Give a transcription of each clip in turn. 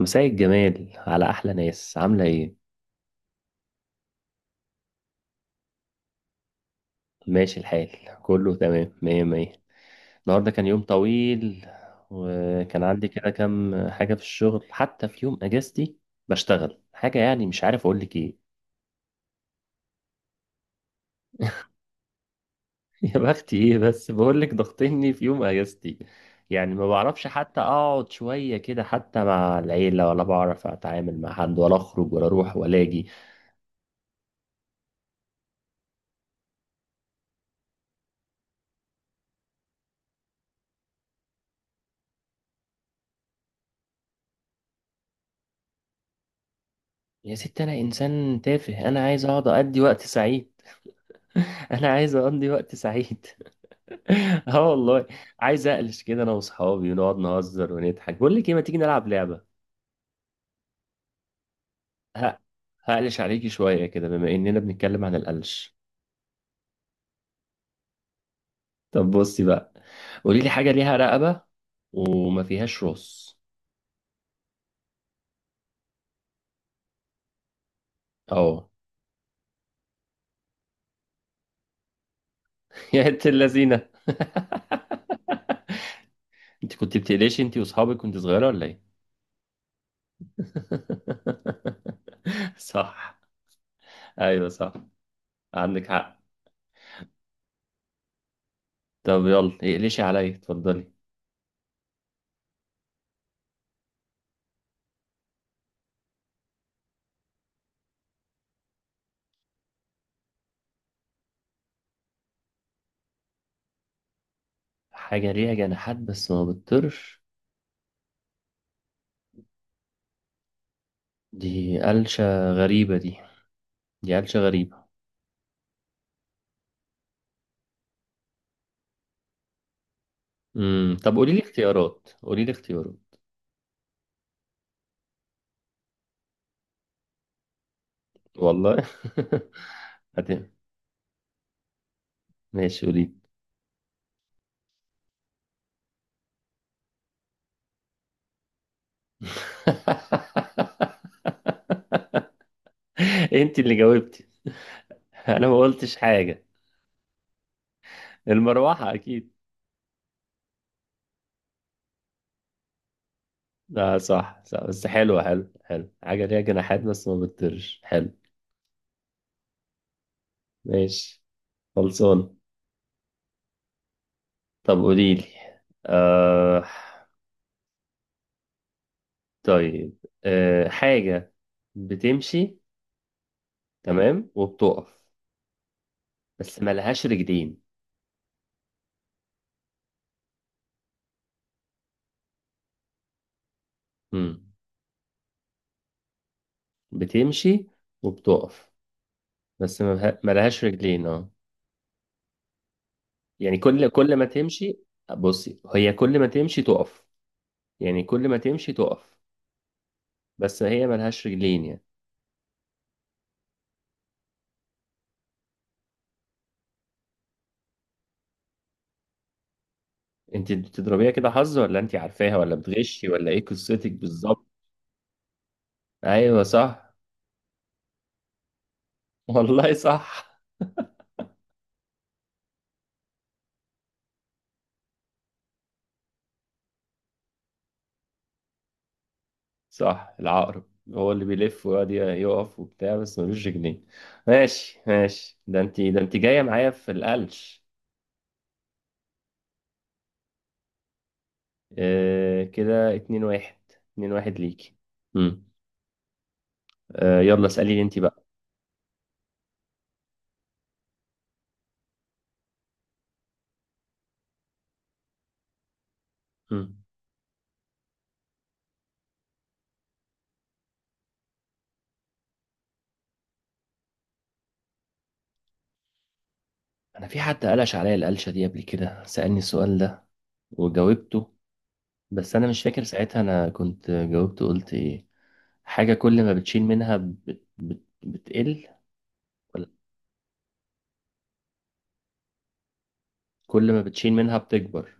مساء الجمال على أحلى ناس، عاملة إيه؟ ماشي الحال. كله تمام، مية مية. النهاردة كان يوم طويل، وكان عندي كده كام حاجة في الشغل حتى في يوم أجازتي. بشتغل حاجة، يعني مش عارف أقولك إيه. يا بختي إيه، بس بقولك ضغطني في يوم أجازتي. يعني ما بعرفش حتى أقعد شوية كده حتى مع العيلة، ولا بعرف أتعامل مع حد ولا أخرج ولا أروح ولا أجي. يا ست أنا إنسان تافه، أنا عايز أقعد أقضي وقت سعيد. أنا عايز أقضي وقت سعيد. اه والله. عايز اقلش كده انا واصحابي، ونقعد نهزر ونضحك. بقول لك ايه، ما تيجي نلعب لعبه. ه- هقلش عليكي شويه كده، بما اننا بنتكلم عن القلش. طب بصي بقى، قولي لي حاجه ليها رقبه وما فيهاش راس. اه. يا انت اللذينه. انت كنت بتقلشي انت واصحابك كنت صغيره ولا ايه؟ صح. ايوه صح، عندك حق. طب يلا اقلشي عليا، اتفضلي. حاجه ليها جناحات بس ما بتطيرش؟ دي قلشة غريبة دي، دي قلشة غريبة. امم، طب قولي لي اختيارات، قولي لي اختيارات. والله. هت... ماشي قولي. انت اللي جاوبتي. انا ما قلتش حاجة. المروحة اكيد. اه صح صح، بس حلوة، حلو حلو، حاجة ليها جناحات بس ما بتطيرش، حلو. ماشي، خلصان. طب قولي لي. آه... طيب، حاجة بتمشي، تمام، وبتقف بس ملهاش رجلين. مم. بتمشي وبتقف بس ما لهاش رجلين اه. يعني كل ما تمشي، بصي هي كل ما تمشي تقف، يعني كل ما تمشي تقف بس هي ما لهاش رجلين يعني. انت بتضربيها كده حظ، ولا انت عارفاها، ولا بتغشي، ولا ايه قصتك بالظبط؟ ايوه صح. والله صح. صح، العقرب هو اللي بيلف ويقعد يقف وبتاع بس ملوش رجلين. ماشي ماشي، ده انت، ده انت جايه معايا في القلش. آه كده اتنين واحد، اتنين واحد ليكي. مم. آه يلا اسألي لي انت بقى. مم. انا في حد قلش عليا القلشة دي قبل كده، سألني السؤال ده وجاوبته، بس انا مش فاكر ساعتها انا كنت جاوبت قلت ايه. حاجة كل ما بتشيل منها بت بتقل ولا كل ما بتشيل منها بتكبر،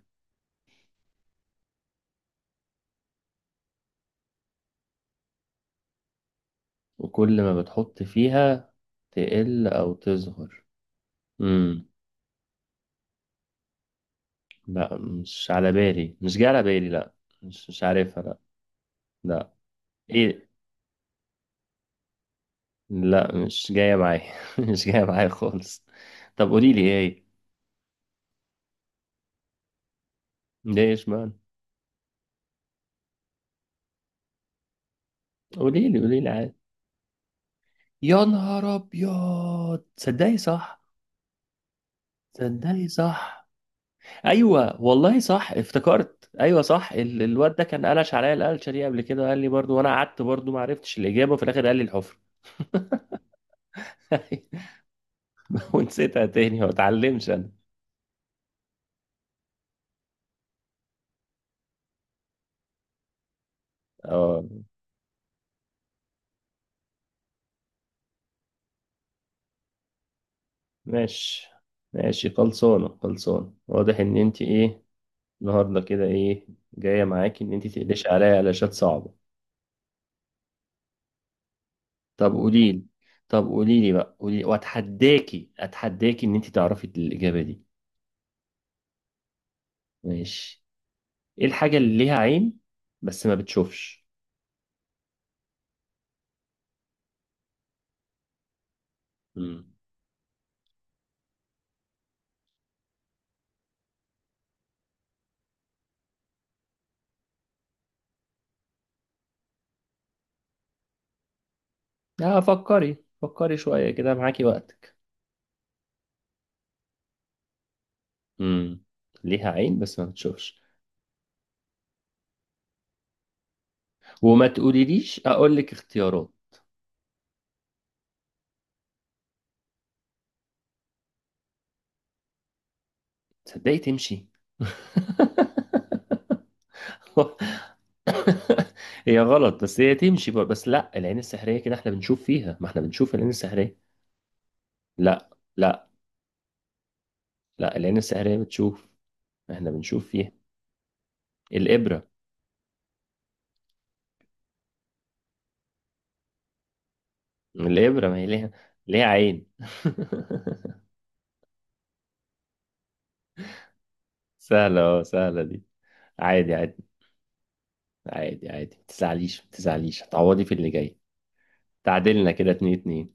وكل ما بتحط فيها تقل او تصغر. امم، لا مش على بالي، مش جاي على بالي، لا. مش عارفها لا. لا ايه، لا مش جاية معايا. مش جاية معايا خالص. طب قولي لي ايه. ليه اشمعنى؟ قولي لي قولي لي عادي. يا نهار ابيض، تصدقي صح؟ تصدقي صح. ايوه والله صح، افتكرت، ايوه صح، الواد ده كان قلش عليا القلشه دي قبل كده، قال لي برضو وانا قعدت برضو ما عرفتش الاجابه، وفي الاخر قال لي الحفر. ونسيتها تاني، ما اتعلمش انا. اه ماشي ماشي، خلصانه خلصانه، واضح ان انت ايه النهارده كده، ايه جايه معاكي ان انت تقلش عليا قلاشات صعبه. طب قولي لي، طب قولي لي بقى، قولي واتحداكي، اتحداكي ان انت تعرفي الاجابه دي. ماشي. ايه الحاجه اللي ليها عين بس ما بتشوفش؟ امم، اه فكري، فكري شويه كده، معاكي وقتك. امم، ليها عين بس ما بتشوفش. وما تقوليليش اقول لك اختيارات. تصدقي تمشي. هي غلط، بس هي تمشي بقى. بس لا، العين السحرية كده احنا بنشوف فيها، ما احنا بنشوف العين السحرية. لا لا لا، العين السحرية بتشوف، احنا بنشوف فيها. الإبرة. الإبرة ما هي ليها، ليها عين. سهلة، اه سهلة دي. عادي عادي، عادي عادي، ما تزعليش ما تزعليش، هتعوضي في اللي جاي. تعادلنا كده اتنين اتنين.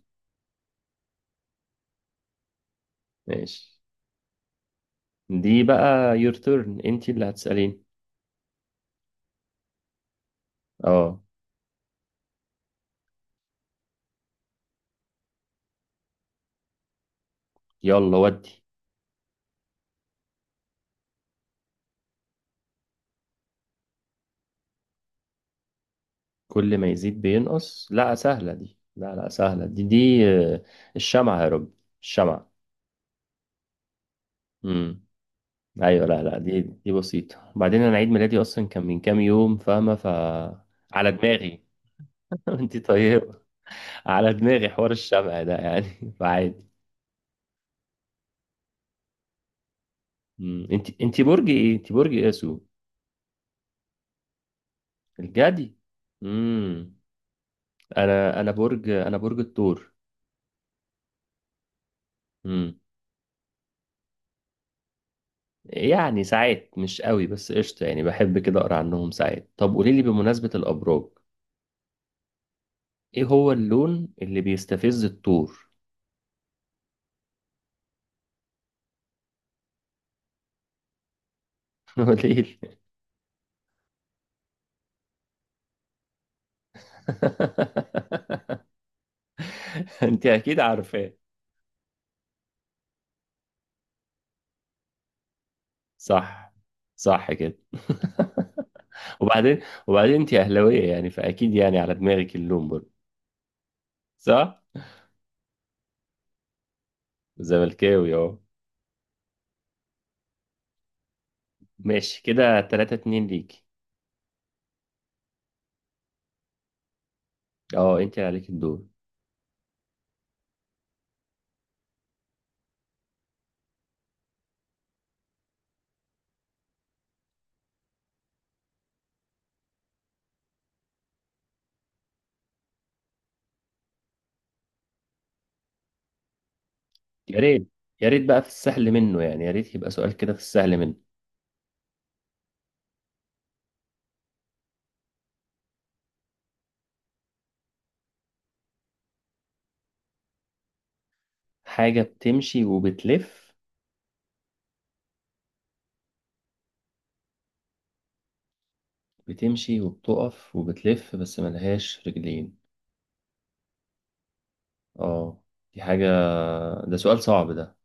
ماشي. دي بقى يور تيرن، انت اللي هتسألين. اه يلا ودي. كل ما يزيد بينقص؟ لا سهلة دي، لا لا سهلة دي، دي آه، الشمعة يا رب، الشمعة. امم، ايوه لا لا، دي دي بسيطة، وبعدين انا عيد ميلادي اصلا كان من كام يوم فاهمة، ف على دماغي. انت طيبة. على دماغي حوار الشمع ده يعني. فعادي. امم، انت انت برج ايه، انت برج ايه يا سو؟ الجدي. امم. انا انا برج، انا برج الثور. امم. يعني ساعات مش قوي بس قشطة، يعني بحب كده اقرا عنهم ساعات. طب قولي لي بمناسبة الابراج، ايه هو اللون اللي بيستفز الطور؟ هو ليه؟ انت اكيد عارفاه. صح، صح كده. وبعدين، وبعدين انت اهلاويه يعني، فاكيد يعني على دماغك اللون برضه. صح. زملكاوي اهو. ماشي كده 3 2 ليكي. اه انت عليك الدور. يا ريت، يا ريت بقى في السهل منه، يعني يا ريت يبقى سؤال كده في السهل منه. حاجه بتمشي وبتلف، بتمشي وبتقف وبتلف بس ملهاش رجلين. اه دي حاجة، ده سؤال صعب ده.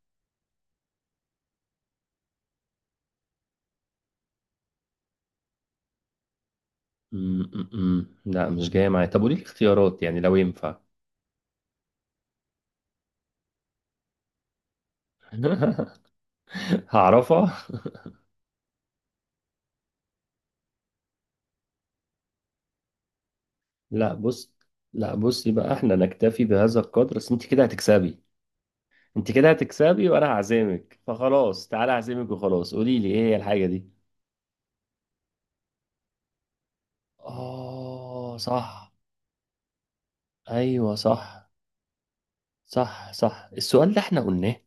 لا مش جاية معايا. طب قولي لي اختيارات يعني لو ينفع. هعرفها. لا بص، لا بص، يبقى احنا نكتفي بهذا القدر، بس انت كده هتكسبي، انت كده هتكسبي وانا هعزمك، فخلاص تعالى اعزمك وخلاص. قولي لي ايه هي الحاجة دي. اه صح. ايوه صح. صح صح، السؤال ده احنا قلناه.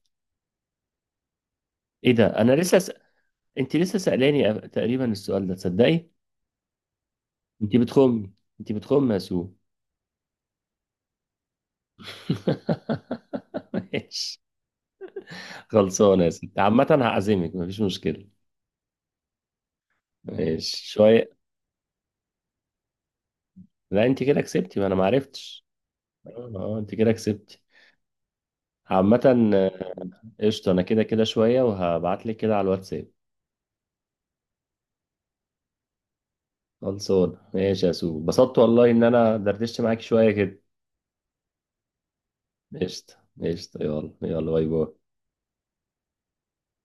ايه ده، انا انت لسه سألاني، تقريبا السؤال ده، تصدقي انت بتخمي، انت بتخمي يا سو. ماشي، خلصانة يا ستي، عامة هعزمك مفيش مشكلة. ماشي شوية. لا انت كده كسبتي، ما انا معرفتش. اه آه، انت كده كسبتي. عامة آه، قشطة. انا كده كده شوية وهبعتلك كده على الواتساب. خلصانة ماشي يا سو، اتبسطت والله ان انا دردشت معاك شوية كده. قشطة، قشطة، يلا يلا باي باي.